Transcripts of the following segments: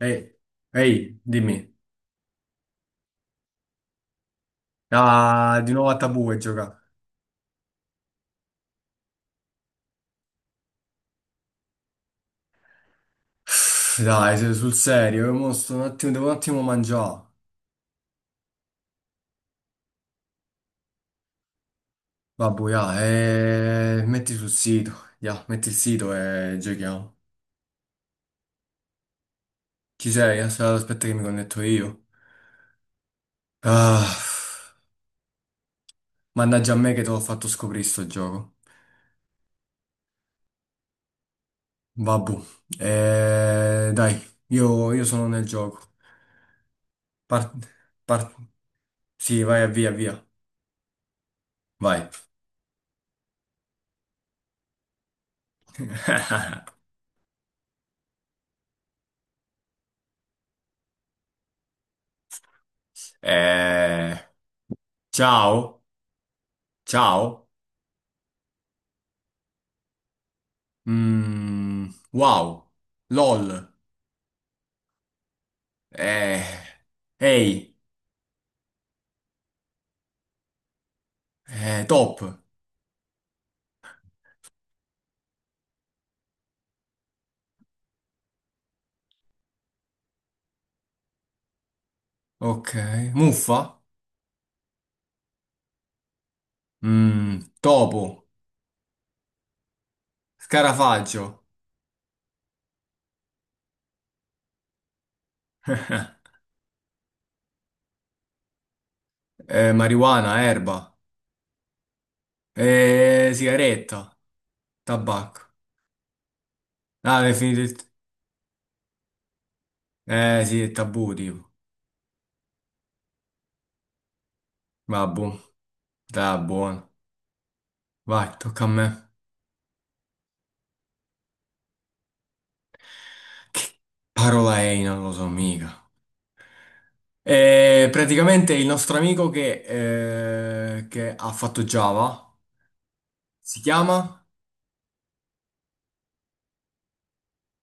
Ehi, ehi, dimmi. Ah, di nuovo a tabù e gioca. Uff, dai, sul serio, io mo sto un attimo, devo un attimo mangiare. Vabbè, ya, metti sul sito, ya, metti il sito e giochiamo. Ci sei? Aspetta, aspetta che mi connetto io. Ah, mannaggia a me che te l'ho fatto scoprire sto gioco. Vabbè, dai, io sono nel gioco. Par- par- sì, vai, via, via. Vai. Eh, ciao. Ciao. Mm, wow. LOL. Eh, ehi. Top. Ok. Muffa. Topo. Scarafaggio. Marijuana, erba. Sigaretta. Tabacco. Ah, è finito il... sì, è tabù, tipo. Vabbè, da buono. Vai, tocca a me. Che parola è? Non lo so mica. E praticamente il nostro amico che ha fatto Java si chiama?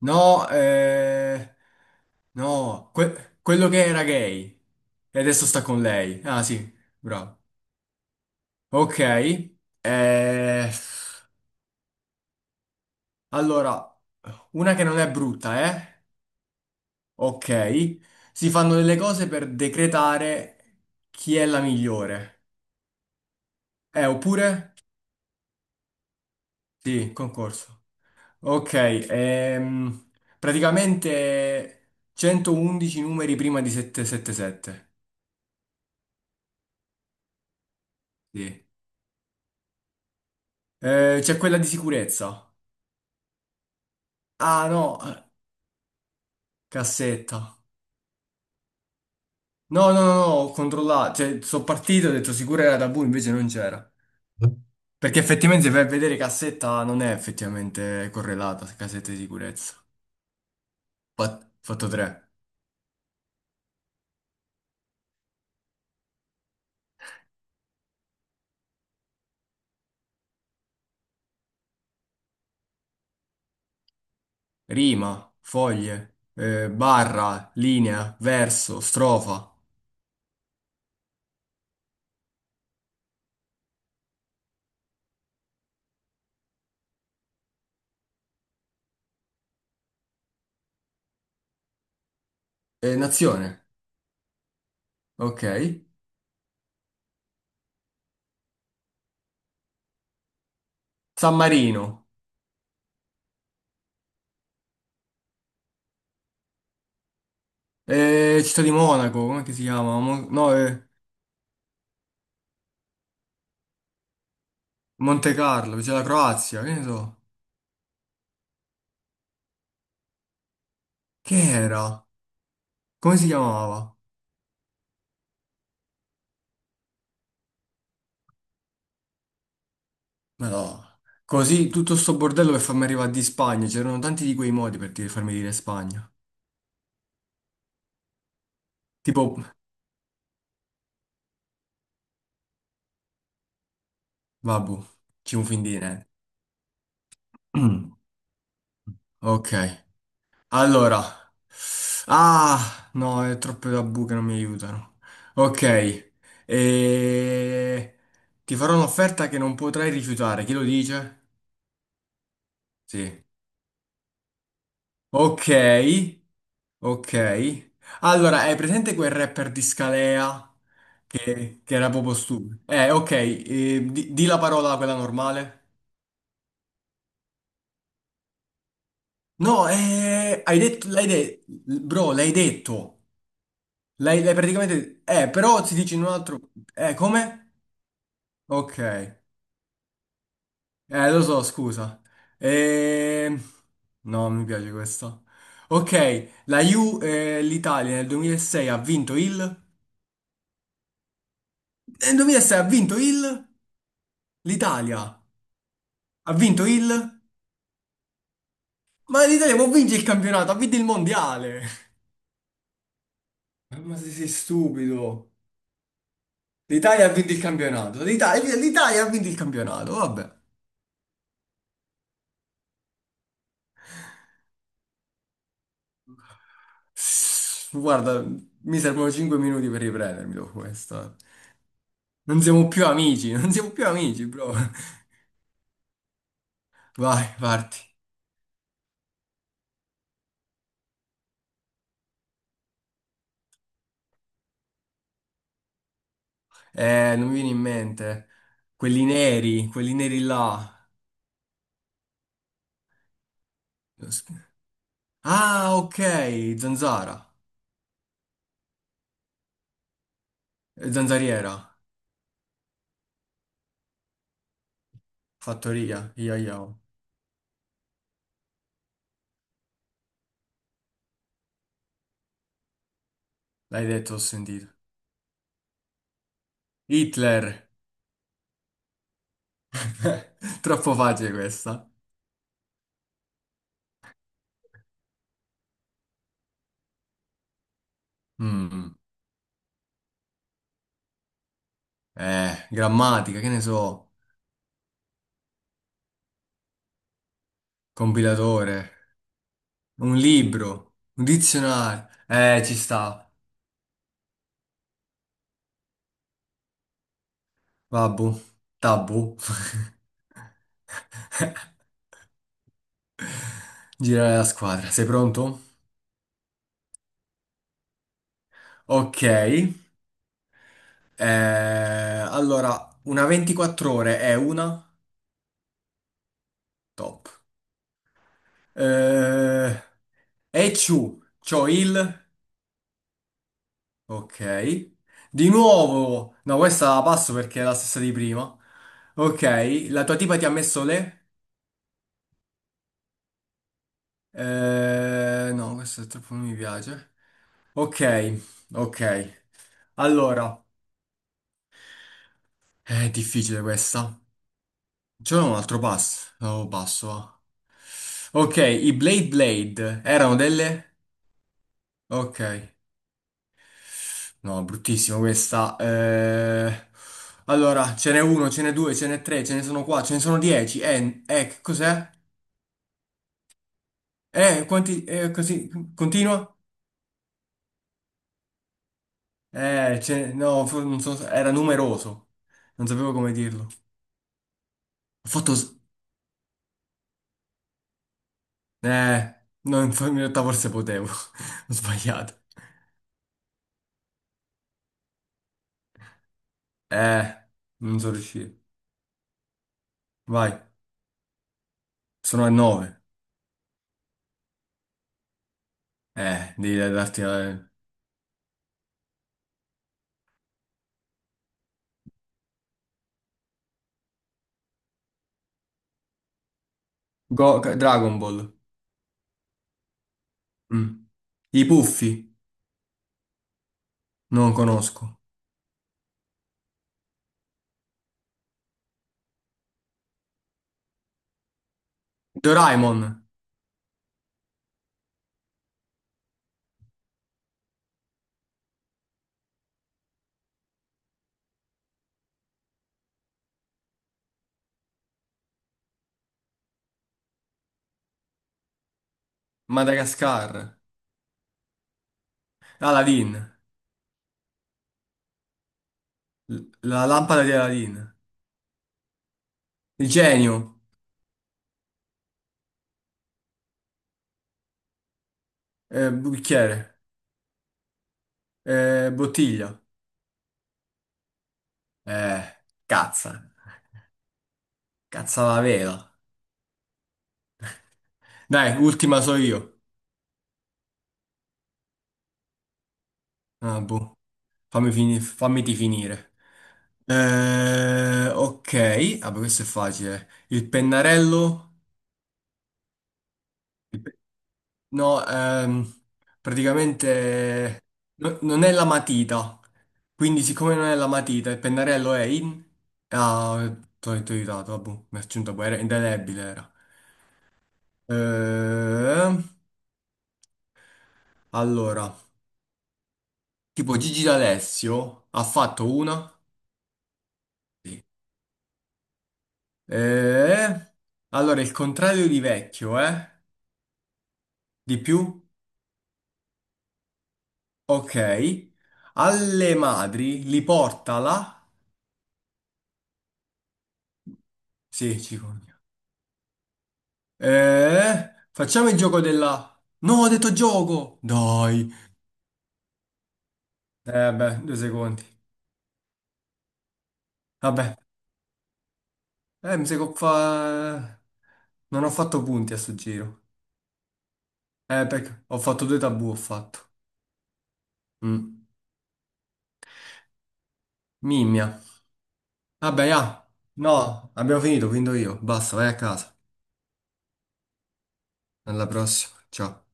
No, no, quello che era gay e adesso sta con lei. Ah, sì, bravo. Ok, eh, allora, una che non è brutta, eh? Ok. Si fanno delle cose per decretare chi è la migliore. Oppure? Sì, concorso. Ok, praticamente 111 numeri prima di 777. Sì. C'è quella di sicurezza. Ah, no, cassetta. No, no, no, no, ho controllato. Cioè, sono partito, ho detto sicura era tabù, invece non c'era. Perché effettivamente se vai a vedere cassetta non è effettivamente correlata, cassetta di sicurezza. Fatto 3. Rima, foglie, barra, linea, verso, strofa, nazione. Ok. San Marino, Città di Monaco, come che si chiama? Mon- no, Monte Carlo, c'è la Croazia, che ne so. Che era? Come si chiamava? Ma no. Così tutto sto bordello per farmi arrivare di Spagna, c'erano tanti di quei modi per farmi dire Spagna. Tipo, vabbù, ci un fin di niente. Mm. Ok, allora. Ah, no, è troppe tabù che non mi aiutano. Ok, e... ti farò un'offerta che non potrai rifiutare, chi lo dice? Sì. Ok, ok. Allora, hai presente quel rapper di Scalea che era proprio stupido? Ok, di la parola quella normale. No, hai detto, l'hai detto, bro, l'hai detto. L'hai praticamente... Però si dice in un altro... Come? Ok. Lo so, scusa. Eh, No, non mi piace questo. Ok, l'Italia nel 2006 ha vinto il... Nel 2006 ha vinto il... L'Italia. Ha vinto il... Ma l'Italia può vincere il campionato, ha vinto il mondiale. Ma se sei stupido. L'Italia ha vinto il campionato. L'Italia ha vinto il campionato, vabbè. Guarda, mi servono 5 minuti per riprendermi dopo questo. Non siamo più amici, non siamo più amici, bro. Vai, parti. Non mi viene in mente. Quelli neri là. Ah, ok, zanzara. Zanzariera. Fattoria, io io. L'hai detto, ho sentito. Hitler. Troppo facile questa. Mm. Grammatica, che ne so. Compilatore. Un libro. Un dizionario. Ci sta. Vabbù. Tabù. Girare la squadra. Sei pronto? Ok. Allora, una 24 ore è una. Top. Eh, e ciu. C'ho il. Ok. Di nuovo. No, questa la passo perché è la stessa di prima. Ok, la tua tipa ti ha messo le? No, questo troppo non mi piace. Ok, ok. Allora, è difficile questa. C'è un altro passo. Oh, passo, va. Ok, i Blade Blade erano delle? Ok. No, bruttissimo questa. Allora, ce n'è uno, ce n'è due, ce n'è tre, ce ne sono qua, ce ne sono 10. Che cos'è? Quanti, così, continua? No, non so, era numeroso. Non sapevo come dirlo. Ho fatto... Eh, no, in realtà forse potevo. Ho sbagliato. Eh, non sono riuscito. Vai, sono a 9. Devi darti... Dragon Ball. Mm. I Puffi, non conosco. Doraemon, Madagascar. Aladdin, la lampada di Aladdin. Il genio, bicchiere. Bottiglia. Eh, cazza. Cazza la vela. Dai, ultima so io. Ah, boh. Fammiti finire. Ok. Vabbè, questo è facile. Il pennarello. il pe- No, praticamente non è la matita. Quindi, siccome non è la matita, il pennarello è in. Ah, ti ho aiutato. Vabbè, mi ha aggiunto poi. Era indelebile. Era. Eh, allora. Tipo Gigi D'Alessio ha fatto una. Sì. Eh, allora, il contrario di vecchio, eh? Di più? Ok. Alle madri li porta la... Sì, cicogna. Facciamo il gioco della... No, ho detto gioco! Dai. Beh, 2 secondi. Vabbè. Mi sa che non ho fatto punti a sto giro. Perché ho fatto due tabù, ho fatto. Mm. Mimmia. Vabbè, ah, no, abbiamo finito, quindi io. Basta, vai a casa. Alla prossima. Ciao.